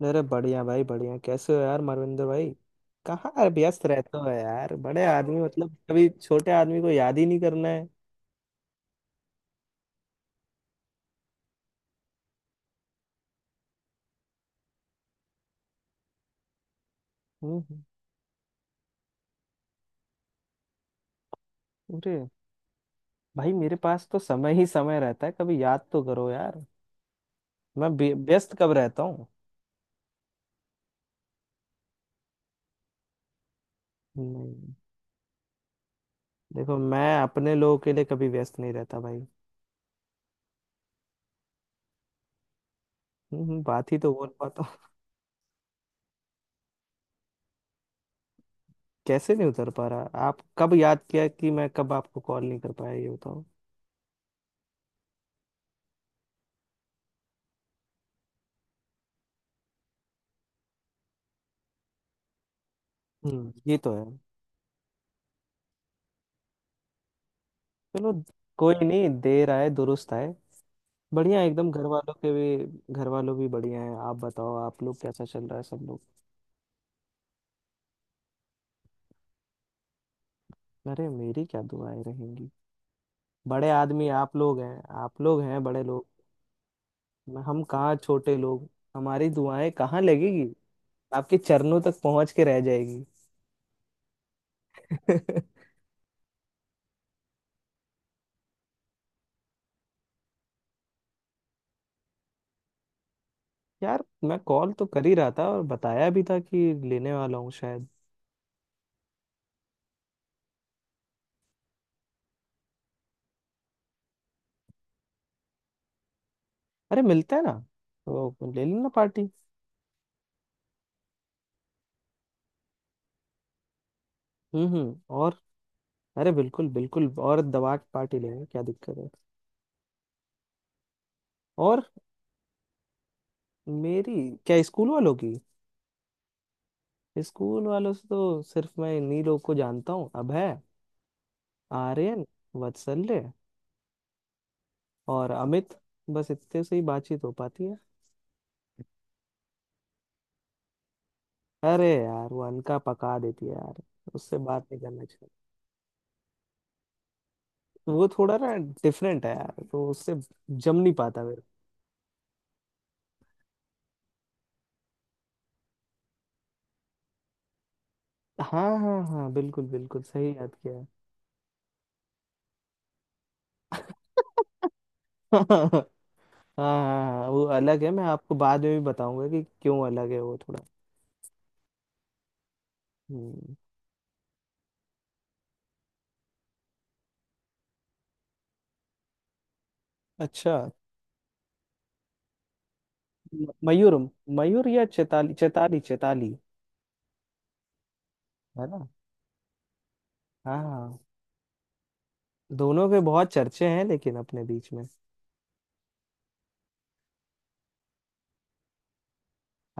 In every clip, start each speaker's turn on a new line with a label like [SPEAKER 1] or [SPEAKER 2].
[SPEAKER 1] अरे बढ़िया भाई बढ़िया। कैसे हो यार मारविंदर भाई? कहाँ यार, व्यस्त रहते हो यार, बड़े आदमी। मतलब कभी छोटे आदमी को याद ही नहीं करना है। हम्म हम्म। अरे भाई, मेरे पास तो समय ही समय रहता है। कभी याद तो करो यार। मैं व्यस्त कब रहता हूँ? नहीं, देखो मैं अपने लोगों के लिए कभी व्यस्त नहीं रहता भाई। बात ही तो बोल पाता हूँ। कैसे नहीं उतर पा रहा? आप कब याद किया कि मैं कब आपको कॉल नहीं कर पाया, ये बताओ। ये तो है। चलो कोई नहीं, देर आए दुरुस्त आए। बढ़िया एकदम। घर वालों भी बढ़िया हैं। आप बताओ, आप लोग कैसा चल रहा है सब लोग? अरे मेरी क्या दुआएं रहेंगी। बड़े आदमी आप लोग हैं, आप लोग हैं बड़े लोग। हम कहाँ छोटे लोग। हमारी दुआएं कहाँ लगेगी, आपके चरणों तक पहुंच के रह जाएगी। यार मैं कॉल तो कर ही रहा था और बताया भी था कि लेने वाला हूँ शायद। अरे मिलते हैं ना, तो ले लेना पार्टी। हम्म। और अरे बिल्कुल बिल्कुल, और दबा के पार्टी लेंगे, क्या दिक्कत है? और मेरी, क्या स्कूल वालों की? स्कूल वालों से तो सिर्फ मैं इन्हीं लोग को जानता हूँ, अभय, आर्यन, वत्सल्य और अमित। बस इतने से ही बातचीत हो पाती है। अरे यार, वो अनका पका देती है यार। उससे बात नहीं करना चाहिए, वो थोड़ा ना डिफरेंट है यार, तो उससे जम नहीं पाता मेरे। हाँ हाँ हाँ, बिल्कुल बिल्कुल सही याद किया है। हाँ हाँ हाँ, वो अलग है। मैं आपको बाद में भी बताऊंगा कि क्यों अलग है, वो थोड़ा। हम्म, अच्छा। मयूर मयूर या चेताली चेताली चेताली। है ना? हाँ। दोनों के बहुत चर्चे हैं लेकिन अपने बीच में।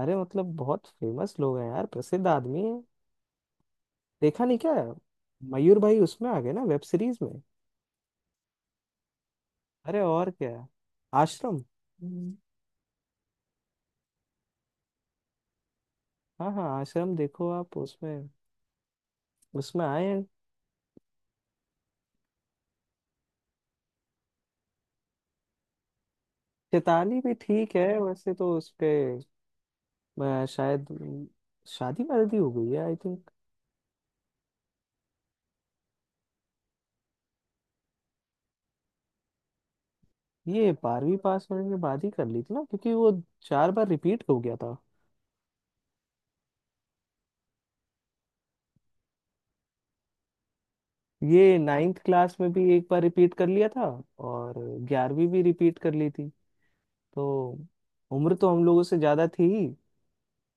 [SPEAKER 1] अरे मतलब बहुत फेमस लोग हैं यार, प्रसिद्ध आदमी है। देखा नहीं क्या? मयूर भाई उसमें आ गए ना, वेब सीरीज में। अरे और क्या, आश्रम। हम्म। हाँ हाँ आश्रम, देखो आप उसमें उसमें आए हैं। चेताली भी ठीक है, वैसे तो उसके शायद शादी वादी हो गई है आई थिंक। ये 12वीं पास होने के बाद ही कर ली थी ना, क्योंकि वो 4 बार रिपीट हो गया था। ये 9th क्लास में भी एक बार रिपीट कर लिया था। और 11वीं भी रिपीट कर ली थी। तो उम्र तो हम लोगों से ज्यादा थी ही,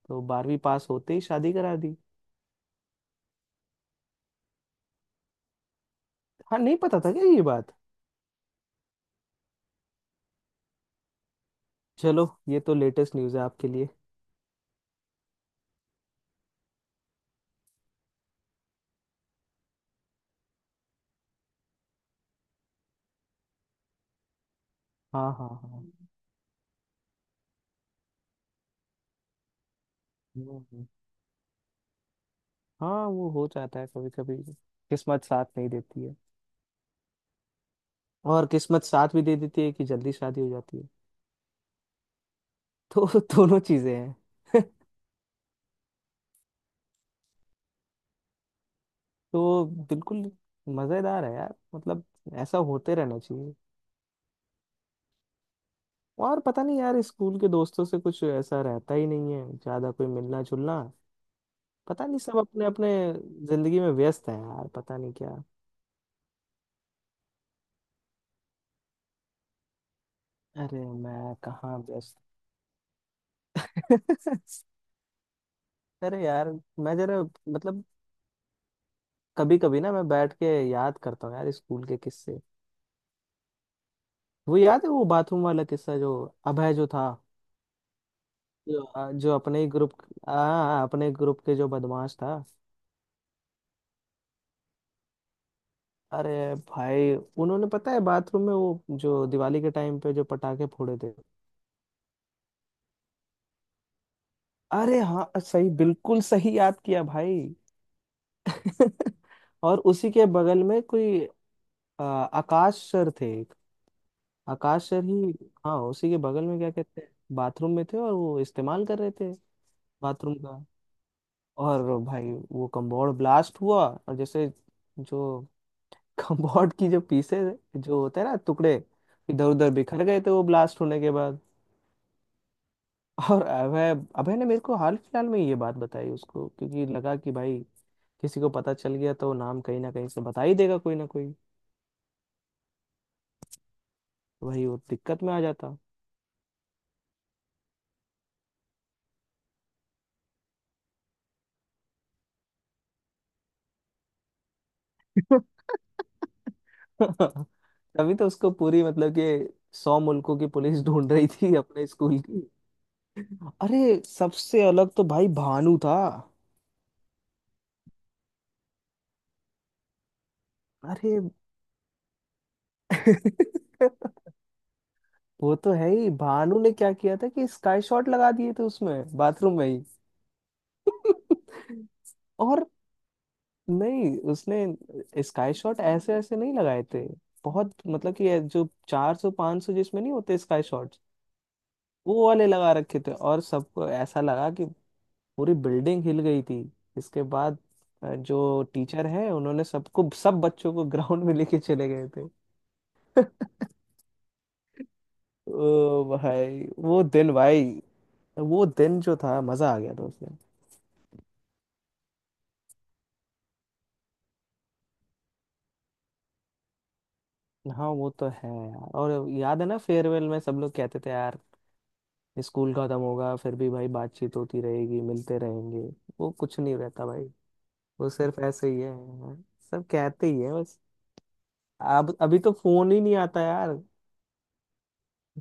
[SPEAKER 1] तो 12वीं पास होते ही शादी करा दी। हाँ, नहीं पता था क्या ये बात? चलो, ये तो लेटेस्ट न्यूज़ है आपके लिए। हाँ हाँ हाँ। हम्म, हम्म। हाँ वो हो जाता है कभी कभी, किस्मत साथ नहीं देती है। और किस्मत साथ भी दे देती है कि जल्दी शादी हो जाती है। तो दोनों चीजें हैं तो बिल्कुल मजेदार है यार, मतलब ऐसा होते रहना चाहिए। और पता नहीं यार, स्कूल के दोस्तों से कुछ ऐसा रहता ही नहीं है, ज्यादा कोई मिलना जुलना। पता नहीं, सब अपने अपने जिंदगी में व्यस्त है यार, पता नहीं क्या। अरे मैं कहाँ व्यस्त। अरे यार, मैं जरा मतलब। कभी कभी ना मैं बैठ के याद करता हूँ यार, स्कूल के किस्से। वो याद है वो बाथरूम वाला किस्सा, जो अभय जो था? जो जो अपने ही ग्रुप हाँ, अपने ग्रुप के जो बदमाश था। अरे भाई, उन्होंने पता है बाथरूम में वो जो दिवाली के टाइम पे जो पटाखे फोड़े थे। अरे हाँ, सही बिल्कुल सही याद किया भाई। और उसी के बगल में कोई आकाश सर थे एक। आकाश सर ही, हाँ, उसी के बगल में क्या कहते हैं। बाथरूम में थे और वो इस्तेमाल कर रहे थे बाथरूम का। और भाई वो कम्बोर्ड ब्लास्ट हुआ, और जैसे जो कम्बोर्ड की जो पीसे जो होते हैं ना, टुकड़े इधर उधर बिखर गए थे वो ब्लास्ट होने के बाद। और अभय अभय ने मेरे को हाल फिलहाल में ये बात बताई उसको, क्योंकि लगा कि भाई किसी को पता चल गया तो नाम कहीं ना कहीं से बता ही देगा कोई ना कोई। वही, वो दिक्कत में आ जाता। तभी तो उसको पूरी मतलब कि 100 मुल्कों की पुलिस ढूंढ रही थी अपने स्कूल की। अरे, सबसे अलग तो भाई भानु था। अरे। वो तो है ही। भानु ने क्या किया था कि स्काई शॉट लगा दिए थे उसमें, बाथरूम में ही। और नहीं, उसने स्काई शॉट ऐसे ऐसे नहीं लगाए थे। बहुत मतलब कि ये जो 400-500 जिसमें नहीं होते स्काई शॉट्स। वो वाले लगा रखे थे और सबको ऐसा लगा कि पूरी बिल्डिंग हिल गई थी। इसके बाद जो टीचर है, उन्होंने सबको सब बच्चों को ग्राउंड में लेके चले गए थे। ओ भाई, वो दिन भाई, वो दिन जो था मजा आ गया था उसमें। हाँ वो तो है यार। और याद है ना, फेयरवेल में सब लोग कहते थे यार, स्कूल खत्म होगा फिर भी भाई बातचीत होती रहेगी, मिलते रहेंगे। वो कुछ नहीं रहता भाई, वो सिर्फ ऐसे ही है। हाँ, सब कहते ही है बस। अब अभी तो फोन ही नहीं आता यार,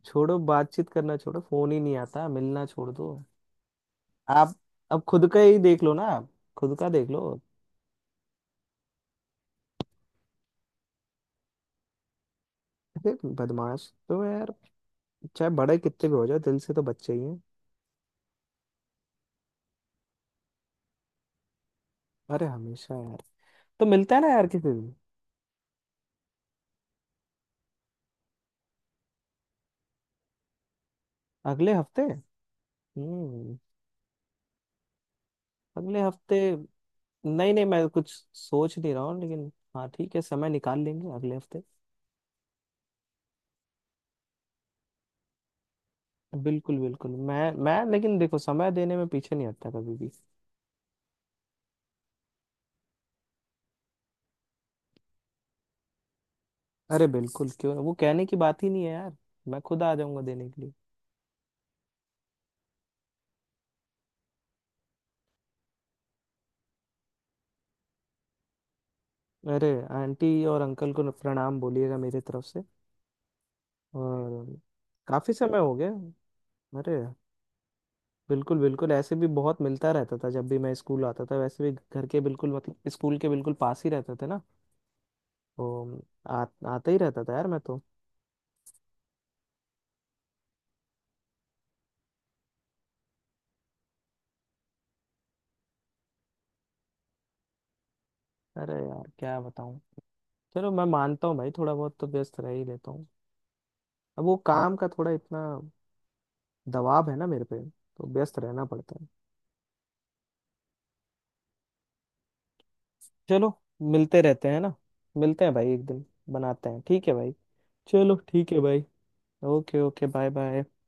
[SPEAKER 1] छोड़ो बातचीत करना, छोड़ो फोन ही नहीं आता, मिलना छोड़ दो। आप, अब खुद का ही देख लो ना आप, खुद का देख लो। अरे बदमाश तो यार, चाहे बड़े कितने भी हो जाओ दिल से तो बच्चे ही हैं। अरे हमेशा यार, तो मिलता है ना यार किसी दिन। अगले हफ्ते? हम्म। अगले हफ्ते। नहीं नहीं, मैं कुछ सोच नहीं रहा हूँ लेकिन। हाँ ठीक है, समय निकाल लेंगे अगले हफ्ते। बिल्कुल बिल्कुल मैं लेकिन देखो, समय देने में पीछे नहीं हटता कभी भी। अरे बिल्कुल, क्यों वो कहने की बात ही नहीं है यार, मैं खुद आ जाऊंगा देने के लिए। अरे, आंटी और अंकल को प्रणाम बोलिएगा मेरे तरफ से। और काफी समय हो गया। अरे बिल्कुल बिल्कुल, ऐसे भी बहुत मिलता रहता था जब भी मैं स्कूल आता था, वैसे भी घर के बिल्कुल, मतलब स्कूल के बिल्कुल पास ही रहते थे ना। तो आ, आता ही रहता था यार मैं तो। अरे यार क्या बताऊं, चलो मैं मानता हूँ भाई थोड़ा बहुत तो व्यस्त रह ही लेता हूँ। अब वो, हाँ, काम का थोड़ा इतना दबाव है ना मेरे पे, तो व्यस्त रहना पड़ता है। चलो मिलते रहते हैं ना, मिलते हैं भाई एक दिन, बनाते हैं। ठीक है भाई। चलो ठीक है भाई। Okay okay bye bye.